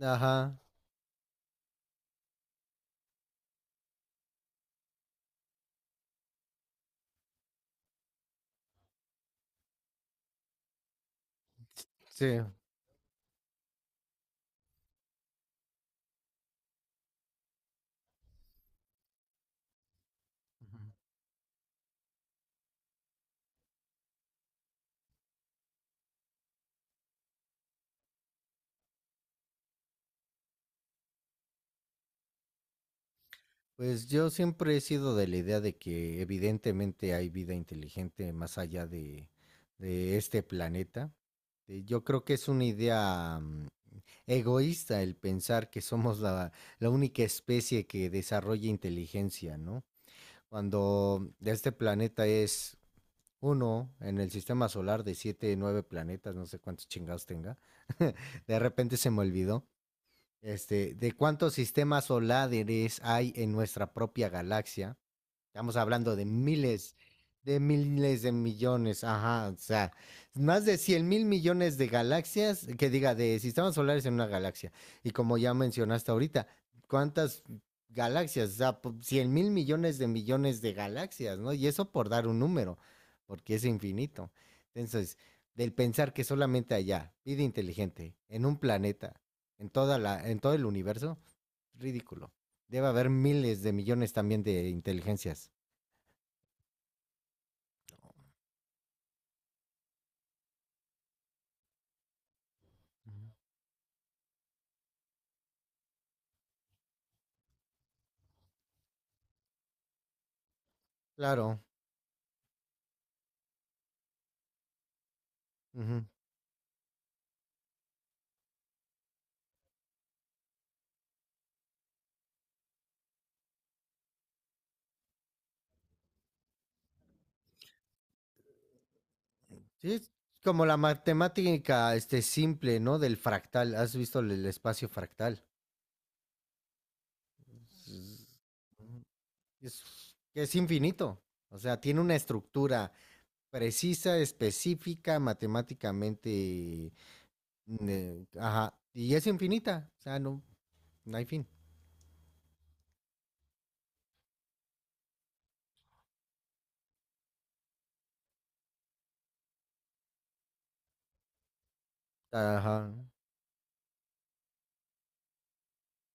Ajá, sí. Ujú. Pues yo siempre he sido de la idea de que evidentemente hay vida inteligente más allá de este planeta. Yo creo que es una idea egoísta el pensar que somos la única especie que desarrolla inteligencia, ¿no? Cuando este planeta es uno en el sistema solar de siete, nueve planetas, no sé cuántos chingados tenga. De repente se me olvidó. Este, de cuántos sistemas solares hay en nuestra propia galaxia. Estamos hablando de miles, de miles de millones, ajá, o sea, más de 100 mil millones de galaxias, que diga, de sistemas solares en una galaxia. Y como ya mencionaste ahorita, ¿cuántas galaxias? O sea, 100 mil millones de galaxias, ¿no? Y eso por dar un número, porque es infinito. Entonces, del pensar que solamente allá, vida inteligente, en un planeta, en todo el universo, ridículo. Debe haber miles de millones también de inteligencias. Claro. Ujú. Sí, es como la matemática, este, simple, ¿no? Del fractal. ¿Has visto el espacio fractal? Es, es infinito. O sea, tiene una estructura precisa, específica, matemáticamente, ajá, y es infinita. O sea, no hay fin. Ajá.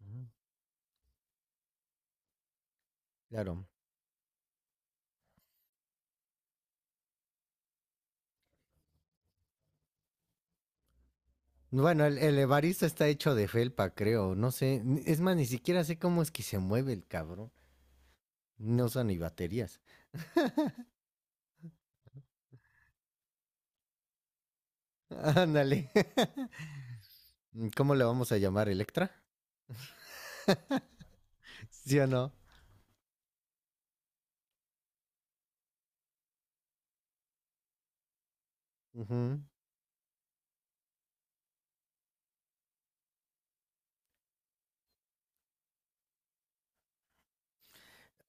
Ujú. Claro. Bueno, el Evaristo está hecho de felpa, creo. No sé. Es más, ni siquiera sé cómo es que se mueve el cabrón. No usa ni baterías. Ándale. ¿Cómo le vamos a llamar? ¿Electra? ¿Sí o no? Ujú.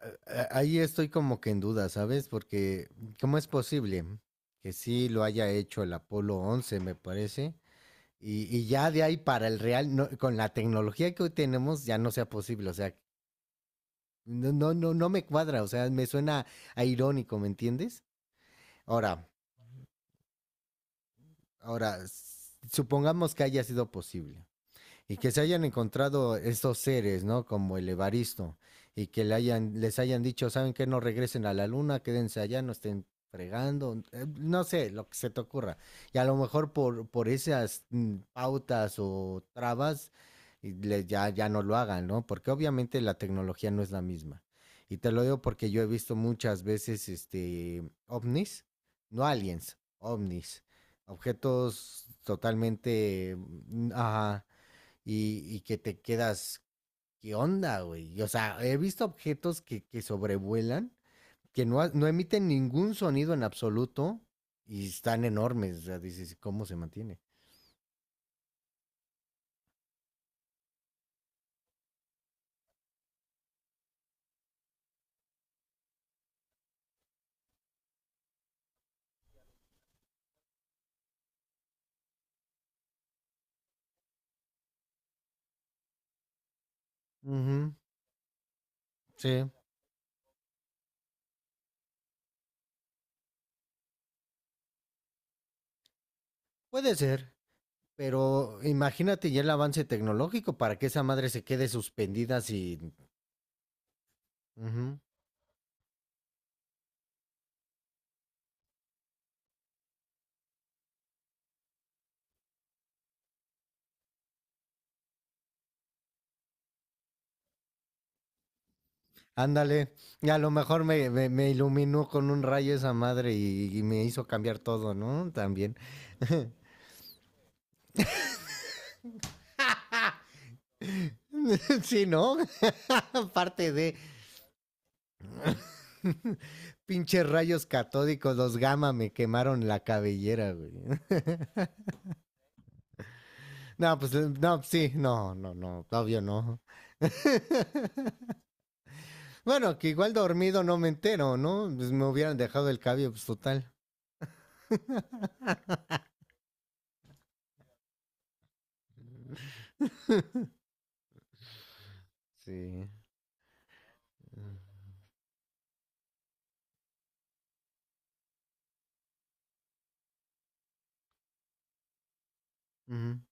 Ahí estoy como que en duda, ¿sabes? Porque ¿cómo es posible que sí lo haya hecho el Apolo 11, me parece? Y ya de ahí para el real, con la tecnología que hoy tenemos, ya no sea posible. O sea, no, no, no, no me cuadra. O sea, me suena a irónico, ¿me entiendes? Ahora, ahora, supongamos que haya sido posible, y que se hayan encontrado estos seres, ¿no? Como el Evaristo, y que le hayan, les hayan dicho, ¿saben qué? No regresen a la luna, quédense allá, no estén fregando, no sé, lo que se te ocurra. Y a lo mejor por esas pautas o trabas, ya, ya no lo hagan, ¿no? Porque obviamente la tecnología no es la misma. Y te lo digo porque yo he visto muchas veces este ovnis, no aliens, ovnis, objetos totalmente ajá, y que te quedas, ¿qué onda, güey? Y, o sea, he visto objetos que sobrevuelan, que no emiten ningún sonido en absoluto y están enormes. O sea, dices, ¿cómo se mantiene? Ujú, sí, puede ser. Pero imagínate ya el avance tecnológico para que esa madre se quede suspendida sin... Ujú. Ándale, y a lo mejor me iluminó con un rayo esa madre y me hizo cambiar todo, ¿no? También. Sí, ¿no? Aparte de pinches rayos catódicos, los gamma me quemaron la cabellera, güey. No, pues no, sí, no, no, no, obvio no. Bueno, que igual dormido no me entero, ¿no? Pues me hubieran dejado el cabello, pues total. Sí. Mhm.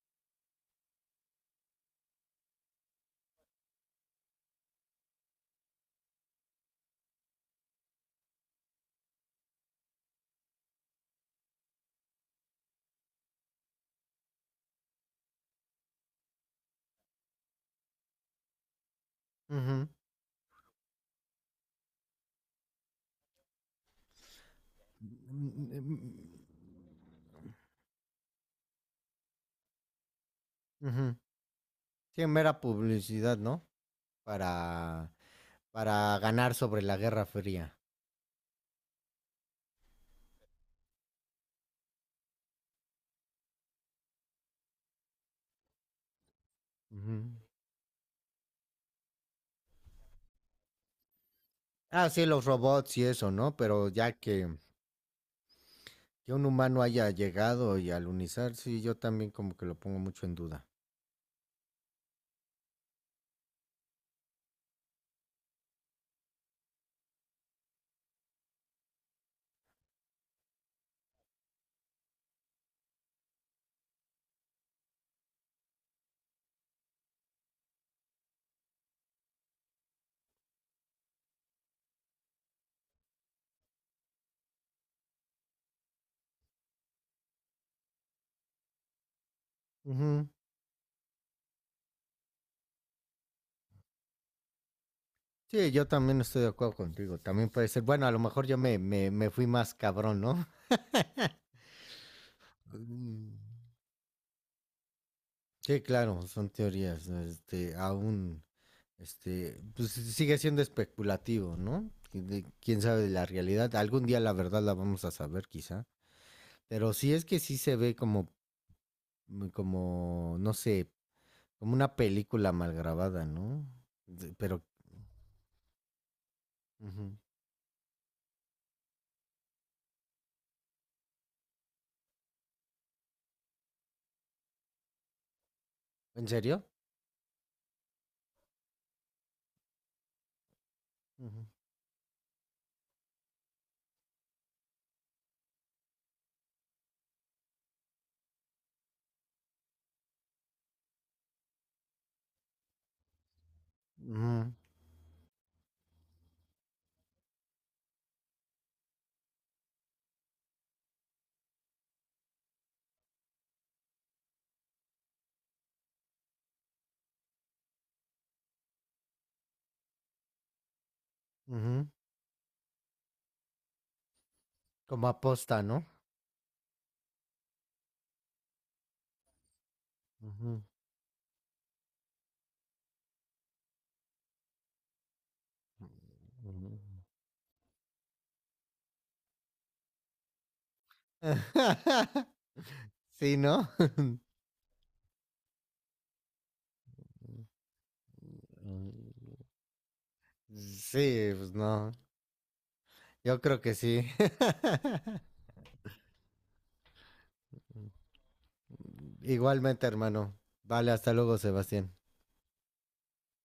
Mhm. Mhm. Sí, mera publicidad, ¿no? Para, para ganar sobre la Guerra Fría. Ujú. Ah, sí, los robots y eso, ¿no? Pero que un humano haya llegado y alunizar, sí, yo también como que lo pongo mucho en duda. Ujú. Sí, yo también estoy de acuerdo contigo. También puede ser, bueno, a lo mejor yo me fui más cabrón, ¿no? Mm, sí, claro, son teorías. Este, aún, este, pues sigue siendo especulativo, ¿no? Quién sabe de la realidad. Algún día la verdad la vamos a saber, quizá. Pero sí es que sí se ve como, como, no sé, como una película mal grabada, ¿no? Pero. Ujú. ¿En serio? Ujú, ujú, ujú. Como aposta, ¿no? Ujú, ujú. Sí, ¿no? Mm, sí, pues no. Yo creo que sí. Igualmente, hermano. Vale, hasta luego, Sebastián.